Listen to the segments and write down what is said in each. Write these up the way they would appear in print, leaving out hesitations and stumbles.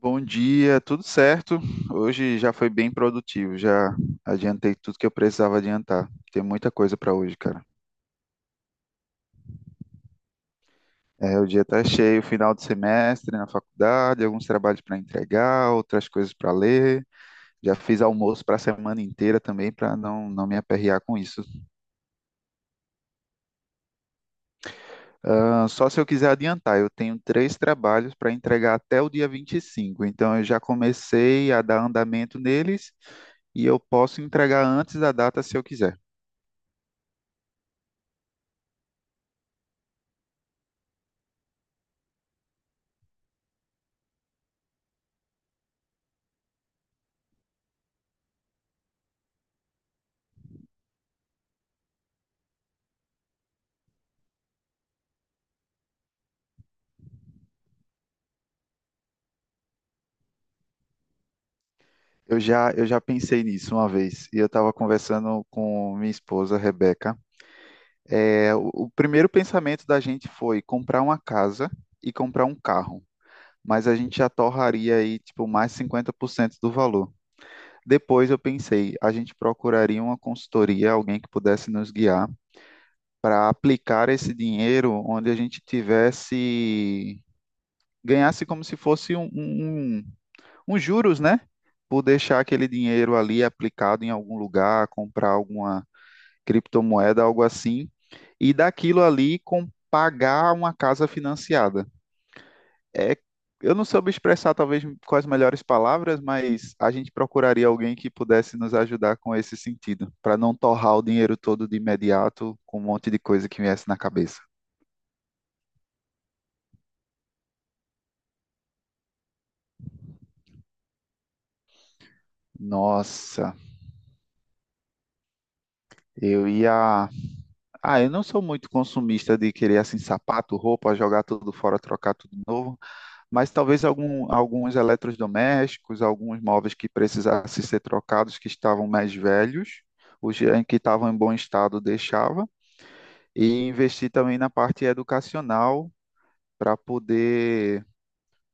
Bom dia, tudo certo? Hoje já foi bem produtivo, já adiantei tudo que eu precisava adiantar. Tem muita coisa para hoje, cara. É, o dia tá cheio, final de semestre na faculdade, alguns trabalhos para entregar, outras coisas para ler. Já fiz almoço para a semana inteira também para não me aperrear com isso. Ah, só se eu quiser adiantar, eu tenho três trabalhos para entregar até o dia 25, então eu já comecei a dar andamento neles e eu posso entregar antes da data se eu quiser. Eu já pensei nisso uma vez e eu estava conversando com minha esposa, Rebeca. É, o primeiro pensamento da gente foi comprar uma casa e comprar um carro, mas a gente já torraria aí tipo mais 50% do valor. Depois eu pensei, a gente procuraria uma consultoria, alguém que pudesse nos guiar para aplicar esse dinheiro onde a gente tivesse, ganhasse como se fosse uns juros, né? Por deixar aquele dinheiro ali aplicado em algum lugar, comprar alguma criptomoeda, algo assim, e daquilo ali com pagar uma casa financiada. É, eu não soube expressar talvez com as melhores palavras, mas a gente procuraria alguém que pudesse nos ajudar com esse sentido, para não torrar o dinheiro todo de imediato com um monte de coisa que viesse na cabeça. Nossa, eu ia Ah, eu não sou muito consumista de querer assim sapato, roupa, jogar tudo fora, trocar tudo novo, mas talvez algum, alguns eletrodomésticos, alguns móveis que precisassem ser trocados, que estavam mais velhos, os em que estavam em bom estado deixava, e investir também na parte educacional para poder,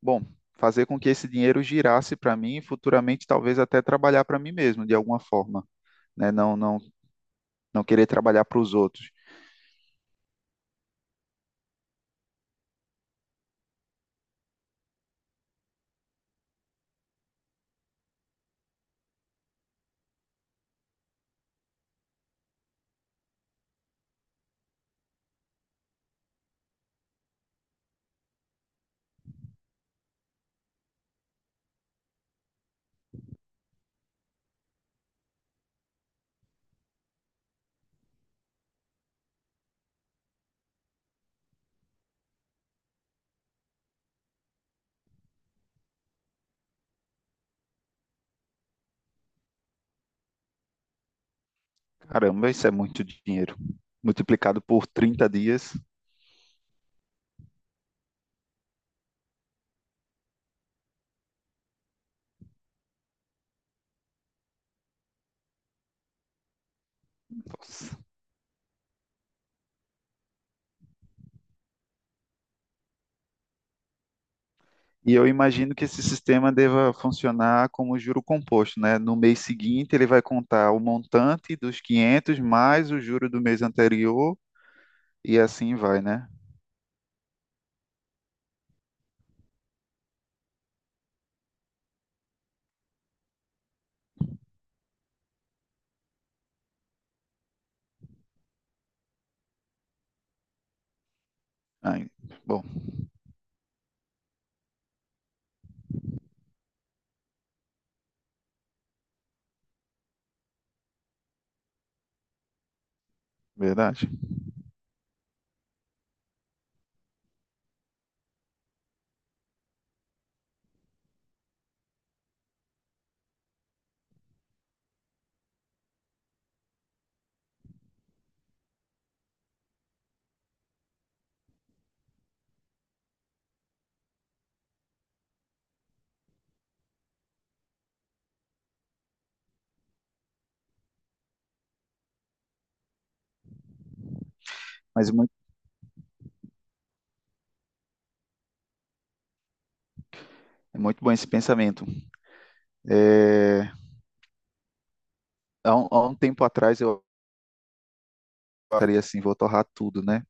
bom, fazer com que esse dinheiro girasse para mim e futuramente talvez até trabalhar para mim mesmo de alguma forma, né? Não, não, não querer trabalhar para os outros. Caramba, isso é muito dinheiro. Multiplicado por 30 dias. Nossa. E eu imagino que esse sistema deva funcionar como juro composto, né? No mês seguinte, ele vai contar o montante dos 500 mais o juro do mês anterior e assim vai, né? Ai, bom, verdade. Mas muito, é muito bom esse pensamento. É, há um tempo atrás, eu estaria assim, vou torrar tudo, né?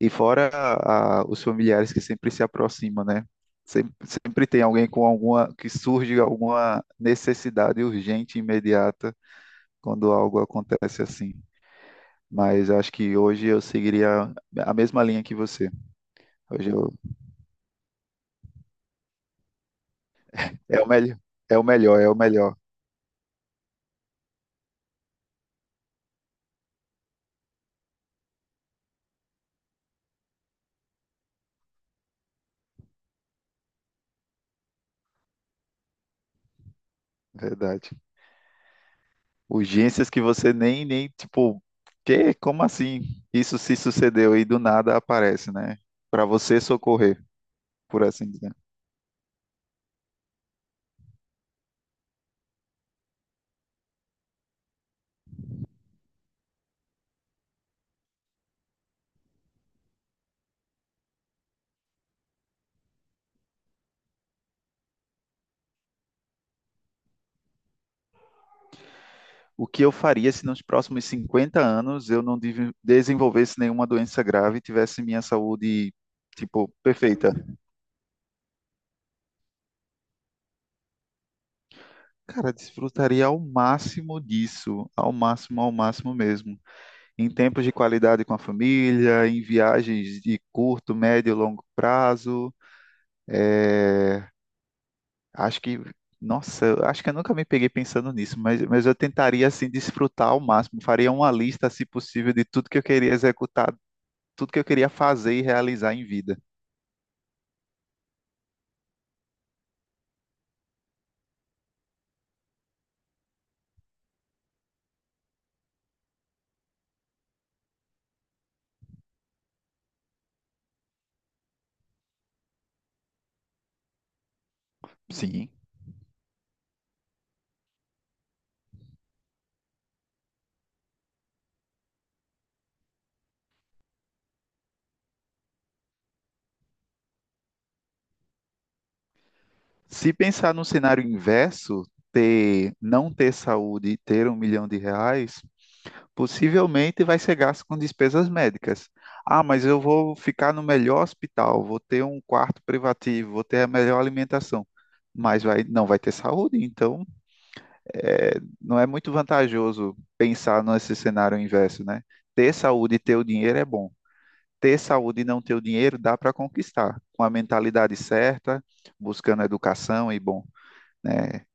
E fora os familiares que sempre se aproximam, né? Sempre tem alguém com alguma, que surge alguma necessidade urgente, imediata, quando algo acontece assim. Mas acho que hoje eu seguiria a mesma linha que você. Hoje eu, é o melhor, é o melhor, é o melhor. Verdade. Urgências que você nem, tipo, que, como assim? Isso se sucedeu e do nada aparece, né? Para você socorrer, por assim dizer. O que eu faria se nos próximos 50 anos eu não desenvolvesse nenhuma doença grave e tivesse minha saúde, tipo, perfeita? Cara, desfrutaria ao máximo disso, ao máximo mesmo. Em tempos de qualidade com a família, em viagens de curto, médio e longo prazo. eh, Acho que, nossa, eu acho que eu nunca me peguei pensando nisso, mas eu tentaria, assim, desfrutar ao máximo. Faria uma lista, se possível, de tudo que eu queria executar, tudo que eu queria fazer e realizar em vida. Sim. Se pensar no cenário inverso, ter, não ter saúde e ter R$ 1 milhão, possivelmente vai ser gasto com despesas médicas. Ah, mas eu vou ficar no melhor hospital, vou ter um quarto privativo, vou ter a melhor alimentação, mas vai, não vai ter saúde, então é, não é muito vantajoso pensar nesse cenário inverso, né? Ter saúde e ter o dinheiro é bom. Ter saúde e não ter o dinheiro dá para conquistar, com a mentalidade certa, buscando educação e bom, né?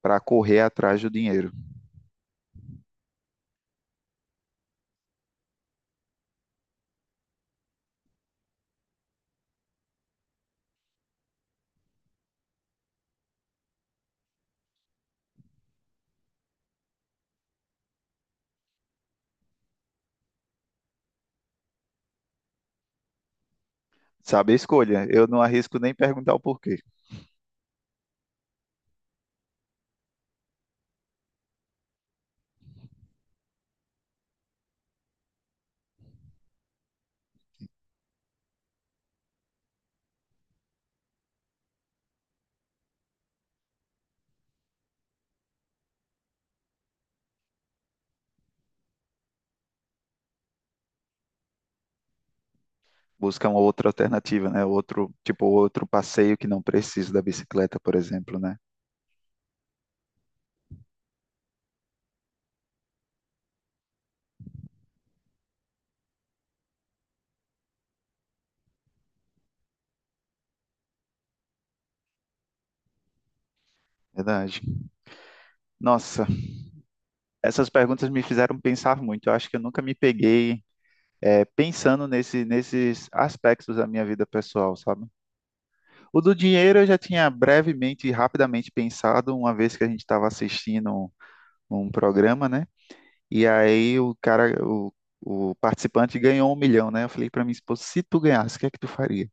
Para correr atrás do dinheiro. Sabe a escolha? Eu não arrisco nem perguntar o porquê. Busca uma outra alternativa, né? Outro, tipo, outro passeio que não precisa da bicicleta, por exemplo, né? Verdade. Nossa, essas perguntas me fizeram pensar muito. Eu acho que eu nunca me peguei é, pensando nesse, nesses aspectos da minha vida pessoal, sabe? O do dinheiro eu já tinha brevemente e rapidamente pensado, uma vez que a gente estava assistindo um programa, né? E aí o participante ganhou 1 milhão, né? Eu falei para minha esposa, se tu ganhasse, o que é que tu faria?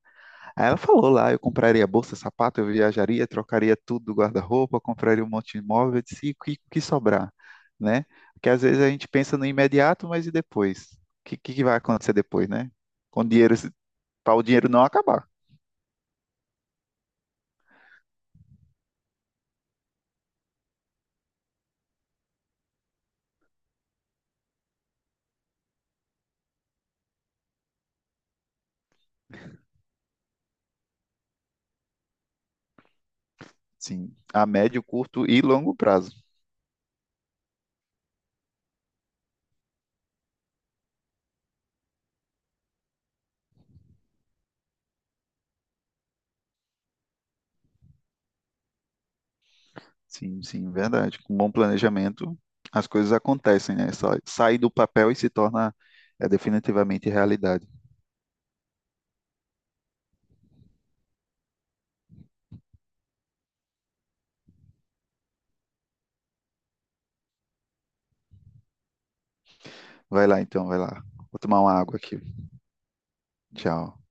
Aí ela falou lá, eu compraria bolsa, sapato, eu viajaria, trocaria tudo do guarda-roupa, compraria um monte de imóvel, eu disse, e o que sobrar, né? Porque às vezes a gente pensa no imediato, mas e depois? O que, que vai acontecer depois, né? Com dinheiro, para o dinheiro não acabar, sim, a médio, curto e longo prazo. Sim, sim, verdade. Com bom planejamento, as coisas acontecem, né? Só sai do papel e se torna é, definitivamente realidade. Vai lá então, vai lá. Vou tomar uma água aqui. Tchau.